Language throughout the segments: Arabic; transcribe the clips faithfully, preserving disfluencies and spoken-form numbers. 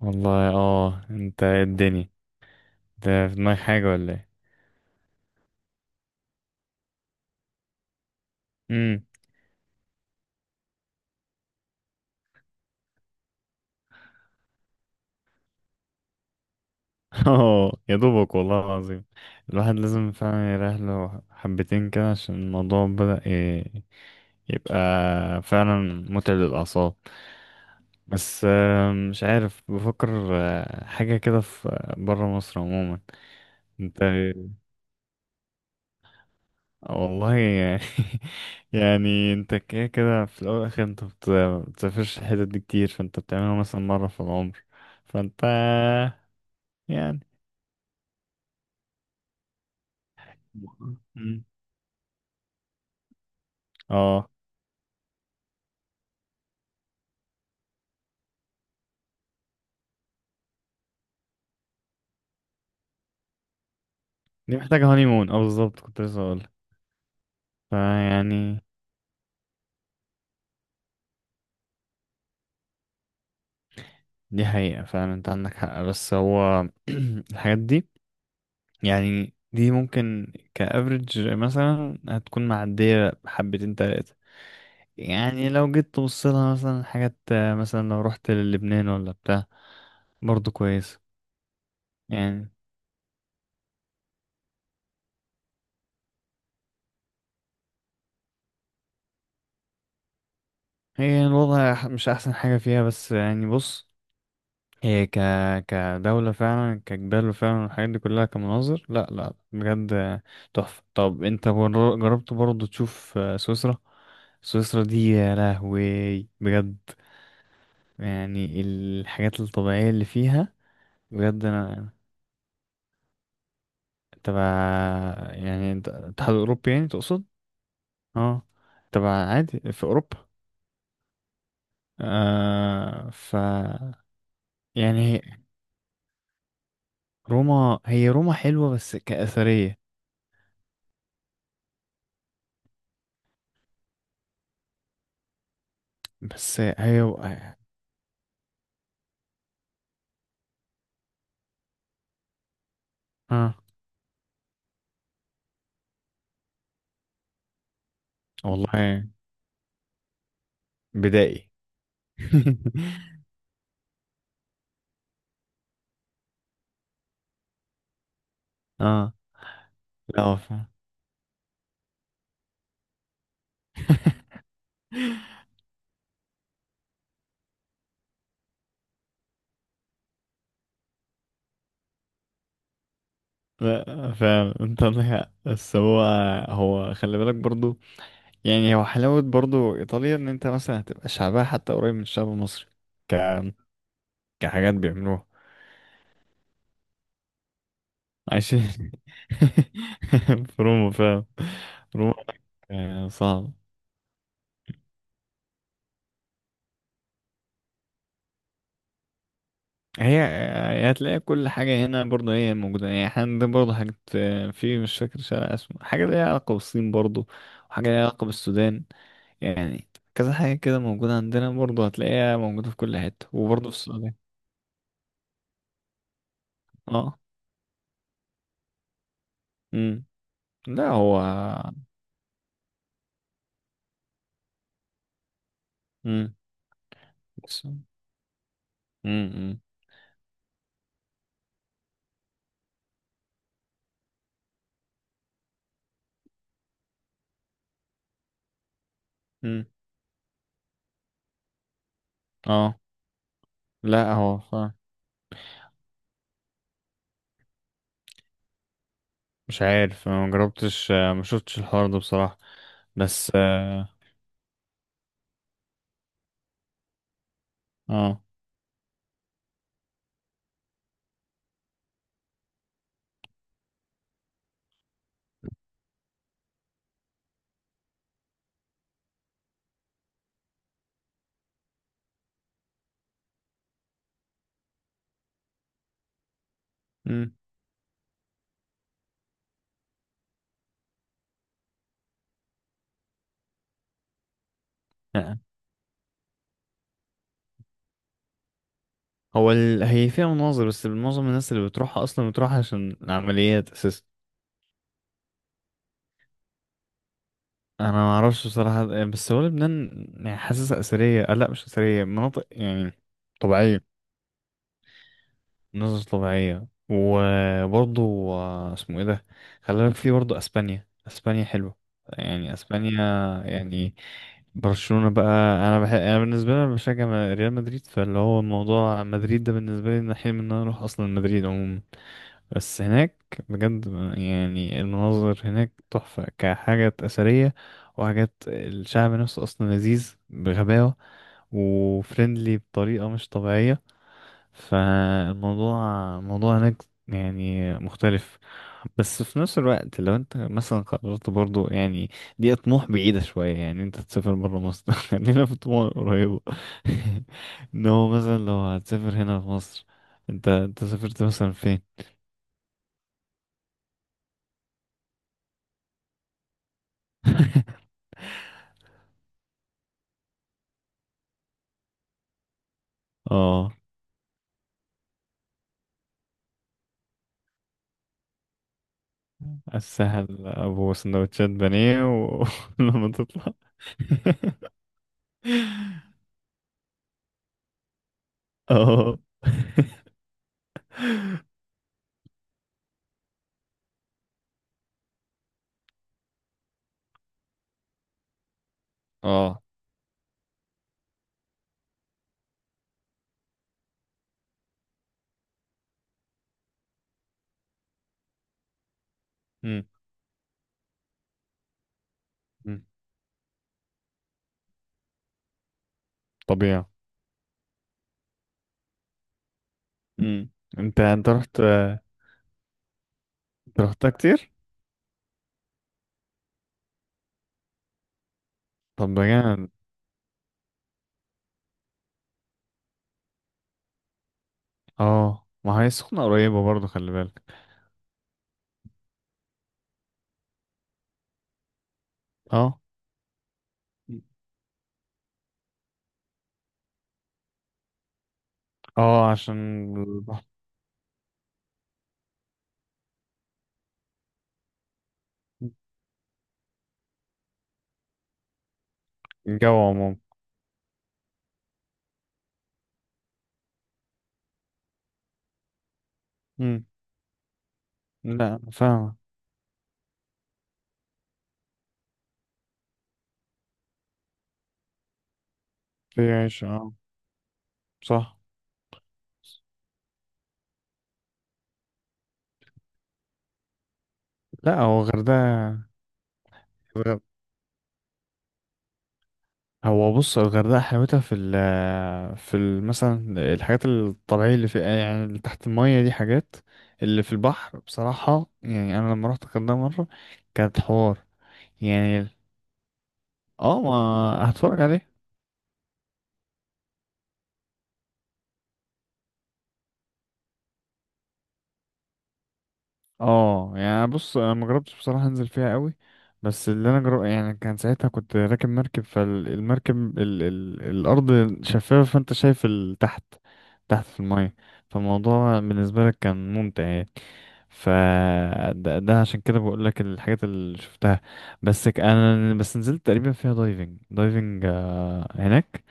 والله اه، انت إيه الدنيا؟ ده في دماغك حاجة ولا ايه؟ امم. اه، يا دوبك والله العظيم. الواحد لازم فعلا يريح له حبتين كده عشان الموضوع بدأ ي- يبقى فعلا متعب للأعصاب. بس آه، مش عارف بفكر. آه، حاجة كده في برا مصر عموما. انت آه، والله يعني. يعني انت كده كده في الأول والآخر، انت بت- بتسافرش الحتت دي كتير، فانت بتعملها مثلا مرة في العمر، فانت يعني. مم. اه، دي محتاجة هاني مون، اه بالظبط كنت لسه هقول. فيعني دي حقيقة فعلا، انت عندك حق بس هو الحاجات دي، يعني دي ممكن كأفريج مثلا هتكون معدية حبتين تلاتة. يعني لو جيت تبص لها مثلا حاجات، آه، مثلا لو رحت للبنان ولا بتاع برضو كويس. يعني هي الوضع مش أحسن حاجة فيها، بس يعني بص، هي ك كدولة فعلا، كجبال فعلا، الحاجات دي كلها كمناظر، لا لا بجد تحفة. طب انت بر- جربت برضه تشوف آه، سويسرا؟ سويسرا دي يا لهوي بجد، يعني الحاجات الطبيعية اللي فيها، بجد انا. تبع، يعني انت- اتحاد اوروبي يعني تقصد. اه، تبع عادي في اوروبا. آه ف يعني هي- روما، هي روما حلوة بس كأثرية. بس هي اه والله بدائي. اه، لا هو فاهم. لا، فاهم انت عندك حق، بس هو هو خلي بالك برضو. يعني هو حلاوة برضو ايطاليا، ان انت مثلا هتبقى شعبها حتى قريب من الشعب المصري، ك كحاجات بيعملوها. عايشين في روما، فاهم؟ روما، آه، صعب. هي آه، هي هتلاقي كل حاجة هنا برضه هي موجودة، يعني احنا عندنا برضه حاجات، آه، في مش فاكر شارع اسمه حاجة ليها علاقة بالصين برضه، وحاجة ليها علاقة بالسودان. يعني كذا حاجة كده موجودة عندنا، برضه هتلاقيها موجودة في كل حتة، وبرضه في السعودية. اه. امم. لا هو. امم. بس. امم، امم. اه. لا هو فعلا مش عارف. أنا ما جربتش، آه، ما شفتش الحوار ده بصراحة. بس اه. اه. امم. لا. هو ال... هي فيها مناظر، بس معظم الناس اللي بتروحها اصلا بتروح عشان العمليات اساسا. انا ما اعرفش بصراحة، بس هو لبنان يعني حاسسها اثرية، آه، لا مش اثرية، مناطق يعني طبيعية، نظرة طبيعية. وبرضو آه، اسمه ايه ده، خلي بالك في برضو اسبانيا، اسبانيا حلوة. يعني اسبانيا، يعني برشلونة بقى. انا بح... انا بالنسبة لي، أنا بشجع م- ريال مدريد، فاللي هو موضوع مدريد ده بالنسبة لي إن حلم ان انا اروح اصلا مدريد عموما. بس هناك بجد آه، يعني المناظر هناك تحفة، كحاجات اثرية، وحاجات الشعب نفسه اصلا لذيذ بغباوة، وفريندلي بطريقة مش طبيعية. فالموضوع الموضوع هناك يعني مختلف. بس في نفس الوقت لو انت مثلا قررت برضو، يعني دي طموح بعيدة شوية، يعني انت تسافر برا مصر، خلينا في طموح قريبة. ان هو مثلا لو هتسافر هنا في مصر، انت انت سافرت مثلا فين؟ اه، السهل ابو سندوتشات بانيه، ولما تطلع. اه. اه. مم. مم. طبيعي. امم. انت انت رحت انت رحتها كتير؟ طب بجد. اه، ما هي سخنة قريبة برضو، خلي بالك. اه. اه عشان الجو عموما. امم. لا أنا فاهمة، في عيش اه، صح. لا هو الغردقة، الغ- هو بص، الغردقة حلاوتها في ال في ال مثلا، الحاجات الطبيعية اللي في، يعني اللي تحت المية، دي حاجات اللي في البحر بصراحة. يعني أنا لما رحت الغردقة مرة، كانت حوار يعني. ال- اه ما هتفرج عليها. اه يعني بص، انا ما جربتش بصراحه انزل فيها قوي. بس اللي انا جرب يعني، كان ساعتها كنت راكب مركب، فالمركب ال... ال... الارض شفافه، فانت شايف ال- تحت تحت في الميه. فالموضوع بالنسبه لك كان ممتع يعني. ف ده, ده عشان كده بقول لك الحاجات اللي شفتها. بس ك... انا بس نزلت تقريبا فيها دايفنج دايفنج آه، هناك.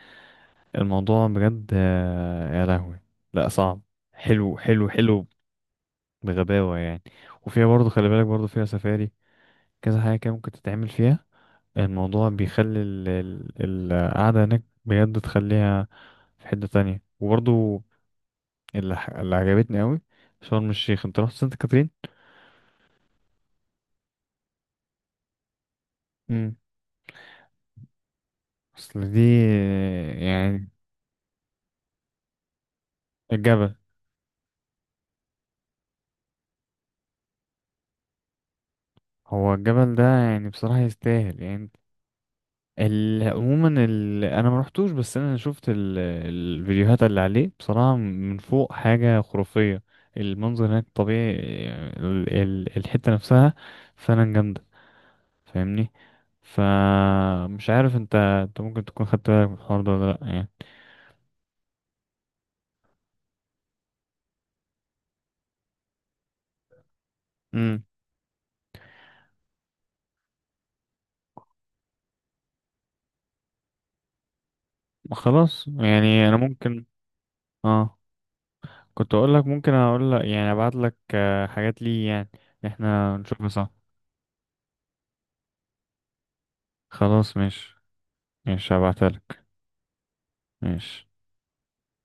الموضوع بجد آه، يا لهوي. لا صعب، حلو حلو حلو بغباوة يعني. وفيها برضه خلي بالك برضه فيها سفاري، كذا حاجة كده ممكن تتعمل فيها. الموضوع بيخلي ال- ال- القعدة هناك بجد تخليها في حتة تانية. وبرضه اللي, ح- اللي عجبتني قوي شرم الشيخ. انت رحت سانت كاترين؟ امم. اصل دي يعني الجبل. هو الجبل ده يعني بصراحة يستاهل يعني. ال- عموما، ال... انا ما رحتوش، بس انا شفت ال... الفيديوهات اللي عليه بصراحة، من فوق حاجة خرافية، المنظر هناك طبيعي، ال... ال... الحتة نفسها فعلا جامدة، فاهمني؟ فمش عارف انت انت ممكن تكون خدت بالك من الحوار ده ولا لا يعني. امم. خلاص يعني انا ممكن. اه كنت اقول لك ممكن اقول لك، يعني ابعت لك آه، حاجات ليه، يعني احنا نشوفها سوا. خلاص ماشي. ماشي، هبعتها لك. ماشي.